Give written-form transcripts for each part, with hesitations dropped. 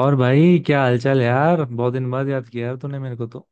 और भाई, क्या हालचाल यार? बहुत दिन बाद याद किया यार तूने मेरे को तो।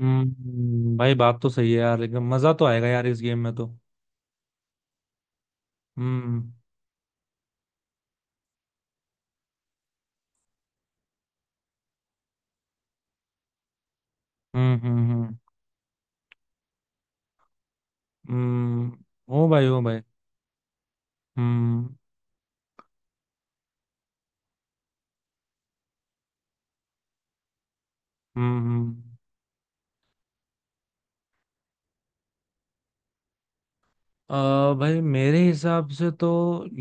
हम्म, भाई बात तो सही है यार, लेकिन मजा तो आएगा यार इस गेम में तो। हम्म, हम्म, हम्म। हम्म, हम्म। हो भाई, हो भाई। हम्म, हम्म, हम्म। अ भाई मेरे हिसाब से तो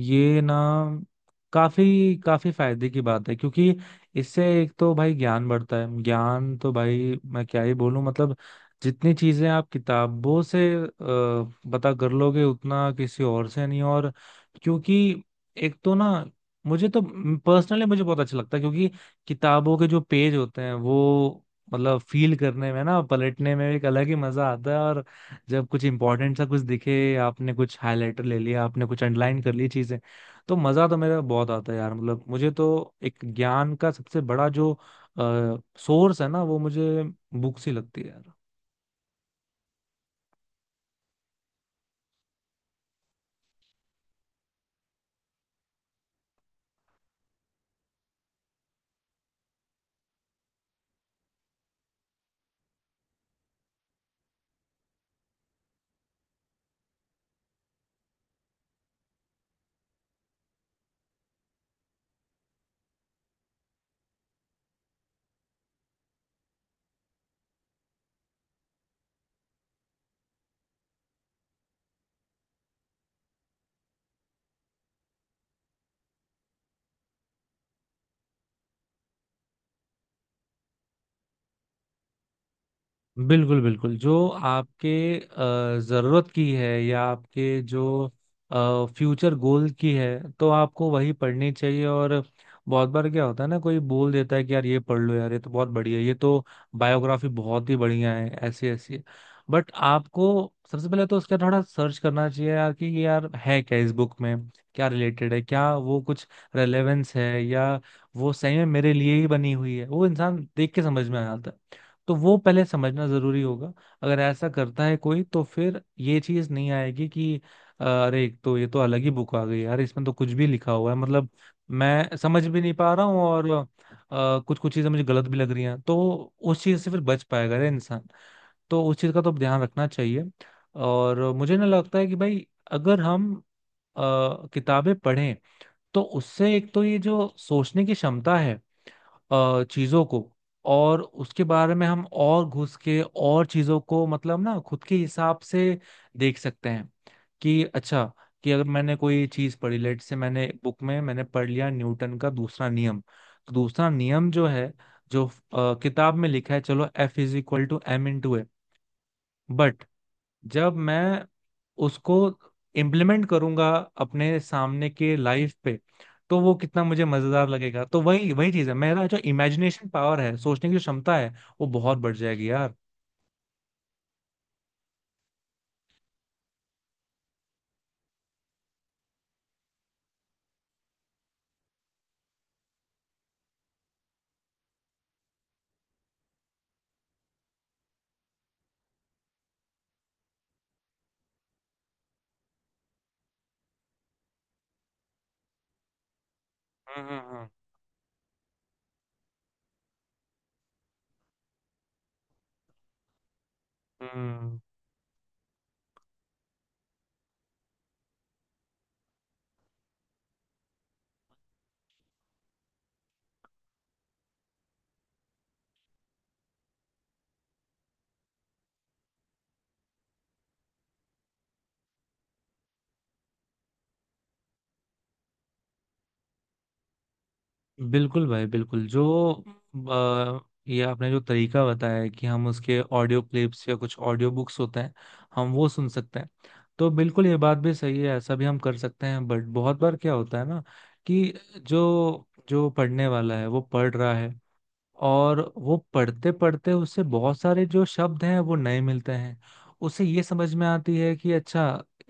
ये ना काफी काफी फायदे की बात है। क्योंकि इससे एक तो भाई ज्ञान बढ़ता है, ज्ञान तो भाई मैं क्या ही बोलूं, मतलब जितनी चीजें आप किताबों से पता कर लोगे उतना किसी और से नहीं। और क्योंकि एक तो ना, मुझे तो, पर्सनली मुझे बहुत अच्छा लगता है क्योंकि किताबों के जो पेज होते हैं वो, मतलब फील करने में ना, पलटने में एक अलग ही मजा आता है। और जब कुछ इंपॉर्टेंट सा कुछ दिखे, आपने कुछ हाईलाइटर ले लिया, आपने कुछ अंडरलाइन कर ली चीजें, तो मजा तो मेरा बहुत आता है यार। मतलब मुझे तो एक ज्ञान का सबसे बड़ा जो सोर्स है ना वो मुझे बुक्स ही लगती है यार। बिल्कुल बिल्कुल, जो आपके जरूरत की है या आपके जो फ्यूचर गोल की है, तो आपको वही पढ़नी चाहिए। और बहुत बार क्या होता है ना, कोई बोल देता है कि यार ये पढ़ लो यार ये तो बहुत बढ़िया है, ये तो बायोग्राफी बहुत ही बढ़िया है, ऐसी ऐसी। बट आपको सबसे पहले तो उसका थोड़ा सर्च करना चाहिए यार कि ये यार है क्या इस बुक में, क्या रिलेटेड है, क्या वो कुछ रेलेवेंस है, या वो सही में मेरे लिए ही बनी हुई है, वो इंसान देख के समझ में आ जाता है। तो वो पहले समझना जरूरी होगा। अगर ऐसा करता है कोई तो फिर ये चीज नहीं आएगी कि अरे एक तो ये तो अलग ही बुक आ गई यार, इसमें तो कुछ भी लिखा हुआ है, मतलब मैं समझ भी नहीं पा रहा हूँ और कुछ कुछ चीजें मुझे गलत भी लग रही हैं, तो उस चीज से फिर बच पाएगा रे इंसान। तो उस चीज का तो ध्यान रखना चाहिए। और मुझे ना लगता है कि भाई, अगर हम किताबें पढ़ें तो उससे एक तो ये जो सोचने की क्षमता है, चीजों को, और उसके बारे में हम और घुस के और चीजों को मतलब ना खुद के हिसाब से देख सकते हैं कि अच्छा, कि अगर मैंने कोई चीज पढ़ी, लेट से मैंने बुक में मैंने पढ़ लिया न्यूटन का दूसरा नियम, तो दूसरा नियम जो है, जो किताब में लिखा है, चलो F is equal to M into A, but जब मैं उसको इम्प्लीमेंट करूंगा अपने सामने के लाइफ पे, तो वो कितना मुझे मजेदार लगेगा। तो वही वही चीज है, मेरा जो इमेजिनेशन पावर है, सोचने की जो क्षमता है, वो बहुत बढ़ जाएगी यार। हम्म, हम्म, हम्म, बिल्कुल भाई बिल्कुल, जो अ, ये आपने जो तरीका बताया है कि हम उसके ऑडियो क्लिप्स या कुछ ऑडियो बुक्स होते हैं, हम वो सुन सकते हैं, तो बिल्कुल ये बात भी सही है, ऐसा भी हम कर सकते हैं। बट बहुत बार क्या होता है ना, कि जो जो पढ़ने वाला है वो पढ़ रहा है, और वो पढ़ते पढ़ते उसे बहुत सारे जो शब्द हैं वो नए मिलते हैं, उसे ये समझ में आती है कि अच्छा,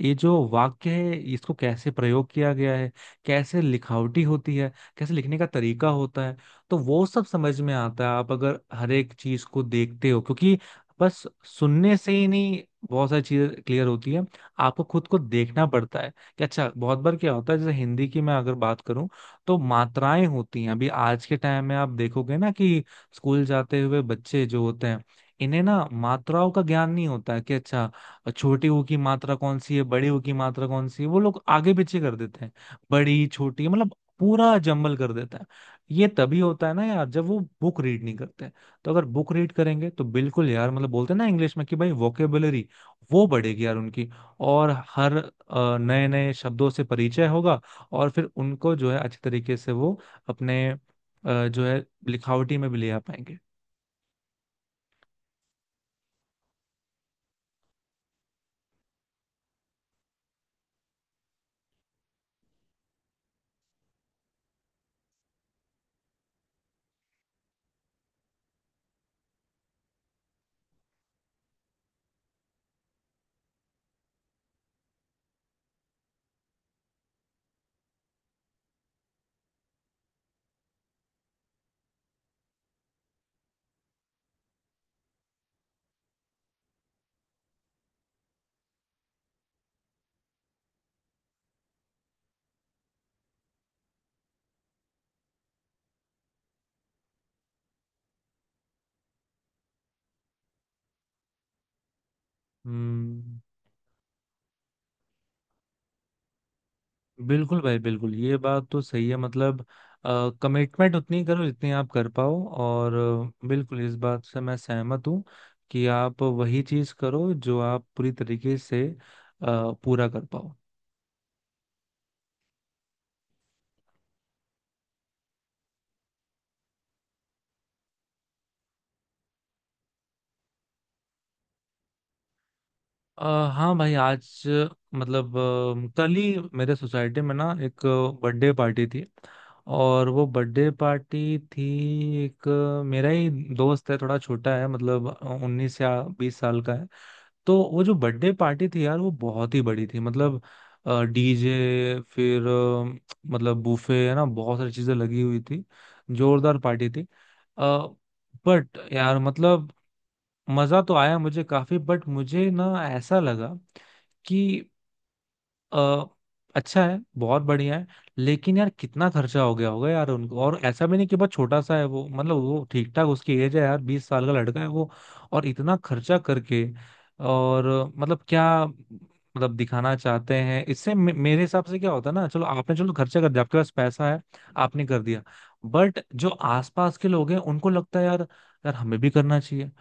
ये जो वाक्य है इसको कैसे प्रयोग किया गया है, कैसे लिखावटी होती है, कैसे लिखने का तरीका होता है। तो वो सब समझ में आता है, आप अगर हर एक चीज को देखते हो, क्योंकि बस सुनने से ही नहीं बहुत सारी चीजें क्लियर होती है, आपको खुद को देखना पड़ता है कि अच्छा, बहुत बार क्या होता है जैसे हिंदी की मैं अगर बात करूं, तो मात्राएं होती हैं। अभी आज के टाइम में आप देखोगे ना कि स्कूल जाते हुए बच्चे जो होते हैं, इन्हें ना मात्राओं का ज्ञान नहीं होता है कि अच्छा, छोटी ऊ की मात्रा कौन सी है, बड़ी ऊ की मात्रा कौन सी है, वो लोग आगे पीछे कर देते हैं, बड़ी छोटी, मतलब पूरा जंबल कर देता है। ये तभी होता है ना यार जब वो बुक रीड नहीं करते। तो अगर बुक रीड करेंगे तो बिल्कुल यार, मतलब बोलते हैं ना इंग्लिश में कि भाई वोकेबुलरी वो बढ़ेगी यार उनकी। और हर नए नए शब्दों से परिचय होगा, और फिर उनको जो है अच्छे तरीके से वो अपने जो है लिखावटी में भी ले आ पाएंगे। हम्म, बिल्कुल भाई बिल्कुल, ये बात तो सही है, मतलब कमिटमेंट उतनी करो जितनी आप कर पाओ। और बिल्कुल इस बात से मैं सहमत हूँ कि आप वही चीज करो जो आप पूरी तरीके से पूरा कर पाओ। अ, हाँ भाई, आज मतलब कल ही मेरे सोसाइटी में ना एक बर्थडे पार्टी थी। और वो बर्थडे पार्टी थी, मेरा ही दोस्त है, थोड़ा छोटा है, मतलब 19 या 20 साल का है। तो वो जो बर्थडे पार्टी थी यार वो बहुत ही बड़ी थी, मतलब डीजे, फिर मतलब बूफे है ना, बहुत सारी चीजें लगी हुई थी, जोरदार पार्टी थी। अ, बट यार मतलब मजा तो आया मुझे काफी। बट मुझे ना ऐसा लगा कि अ, अच्छा है, बहुत बढ़िया है, लेकिन यार कितना खर्चा हो गया होगा यार उनको। और ऐसा भी नहीं कि बहुत छोटा सा है वो, मतलब वो ठीक ठाक उसकी एज है यार, 20 साल का लड़का है वो। और इतना खर्चा करके, और मतलब क्या, मतलब दिखाना चाहते हैं इससे, मे मेरे हिसाब से क्या होता है ना, चलो आपने चलो खर्चा कर दिया, आपके पास पैसा है, आपने कर दिया। बट जो आसपास के लोग हैं उनको लगता है यार, यार हमें भी करना चाहिए,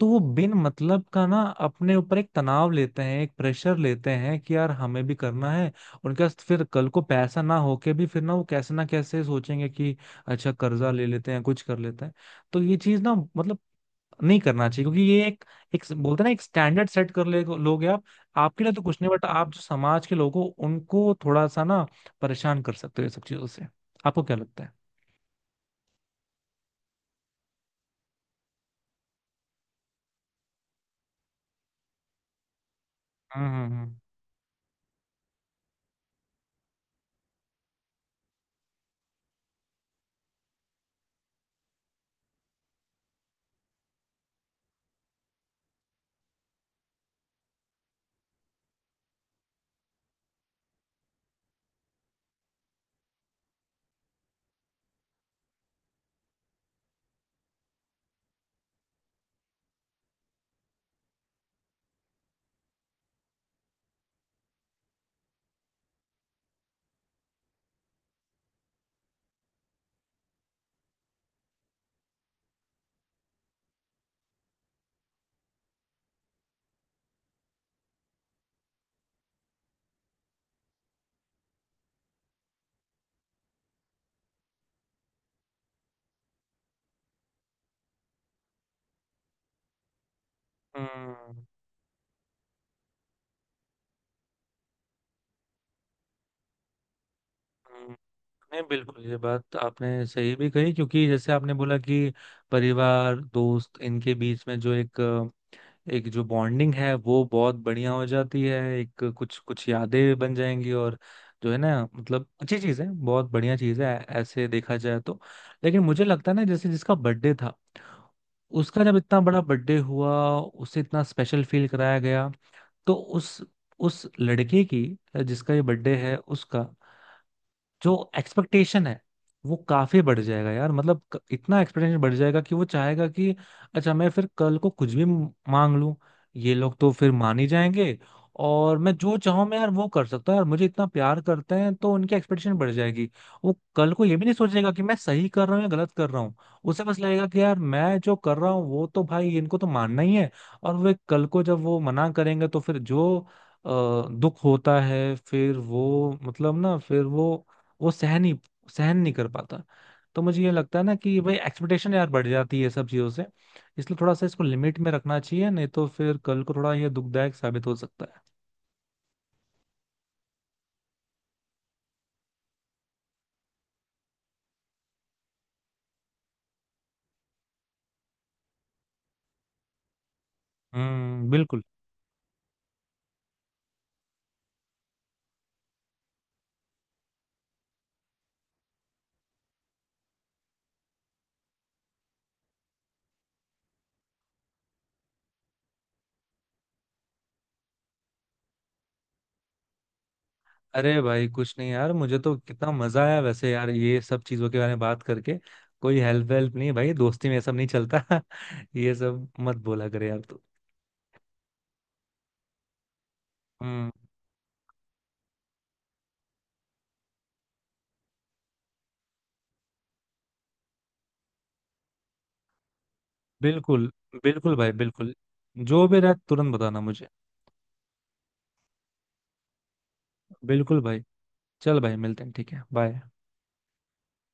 तो वो बिन मतलब का ना अपने ऊपर एक तनाव लेते हैं, एक प्रेशर लेते हैं कि यार हमें भी करना है। उनके पास फिर कल को पैसा ना होके भी फिर ना वो कैसे ना कैसे सोचेंगे कि अच्छा कर्जा ले लेते हैं, कुछ कर लेते हैं। तो ये चीज ना मतलब नहीं करना चाहिए, क्योंकि ये एक एक बोलते हैं ना, एक स्टैंडर्ड सेट कर ले लोगे आप। आपके लिए तो कुछ नहीं, बट आप जो समाज के लोगों, उनको थोड़ा सा ना परेशान कर सकते हो ये सब चीजों से। आपको क्या लगता है? हम्म, हम्म, हम्म, हम्म, नहीं बिल्कुल, ये बात आपने सही भी कही, क्योंकि जैसे आपने बोला कि परिवार दोस्त इनके बीच में जो एक एक जो बॉन्डिंग है वो बहुत बढ़िया हो जाती है, एक कुछ कुछ यादें बन जाएंगी, और जो है ना मतलब अच्छी चीज़ है, बहुत बढ़िया चीज़ है, ऐसे देखा जाए तो। लेकिन मुझे लगता है ना, जैसे जिसका बर्थडे था उसका जब इतना बड़ा बर्थडे हुआ, उसे इतना स्पेशल फील कराया गया, तो उस, लड़के की, जिसका ये बर्थडे है उसका जो एक्सपेक्टेशन है वो काफी बढ़ जाएगा यार। मतलब इतना एक्सपेक्टेशन बढ़ जाएगा कि वो चाहेगा कि अच्छा, मैं फिर कल को कुछ भी मांग लूं, ये लोग तो फिर मान ही जाएंगे। और मैं जो चाहूं मैं यार वो कर सकता हूँ यार, मुझे इतना प्यार करते हैं, तो उनकी एक्सपेक्टेशन बढ़ जाएगी। वो कल को ये भी नहीं सोचेगा कि मैं सही कर रहा हूँ या गलत कर रहा हूँ, उसे बस लगेगा कि यार मैं जो कर रहा हूँ वो तो भाई इनको तो मानना ही है। और वे कल को जब वो मना करेंगे तो फिर जो दुख होता है, फिर वो, मतलब ना फिर वो सहन नहीं कर पाता। तो मुझे ये लगता है ना कि भाई एक्सपेक्टेशन यार बढ़ जाती है सब चीज़ों से, इसलिए थोड़ा सा इसको लिमिट में रखना चाहिए, नहीं तो फिर कल को थोड़ा ये दुखदायक साबित हो सकता है। हम्म, बिल्कुल। अरे भाई, कुछ नहीं यार, मुझे तो कितना मजा आया वैसे यार ये सब चीज़ों के बारे में बात करके। कोई हेल्प वेल्प नहीं भाई, दोस्ती में ये सब नहीं चलता। ये सब मत बोला करे यार तू। हम्म, बिल्कुल। बिल्कुल भाई बिल्कुल। जो भी रहे तुरंत बताना मुझे। बिल्कुल भाई। चल भाई, मिलते हैं, ठीक है, बाय।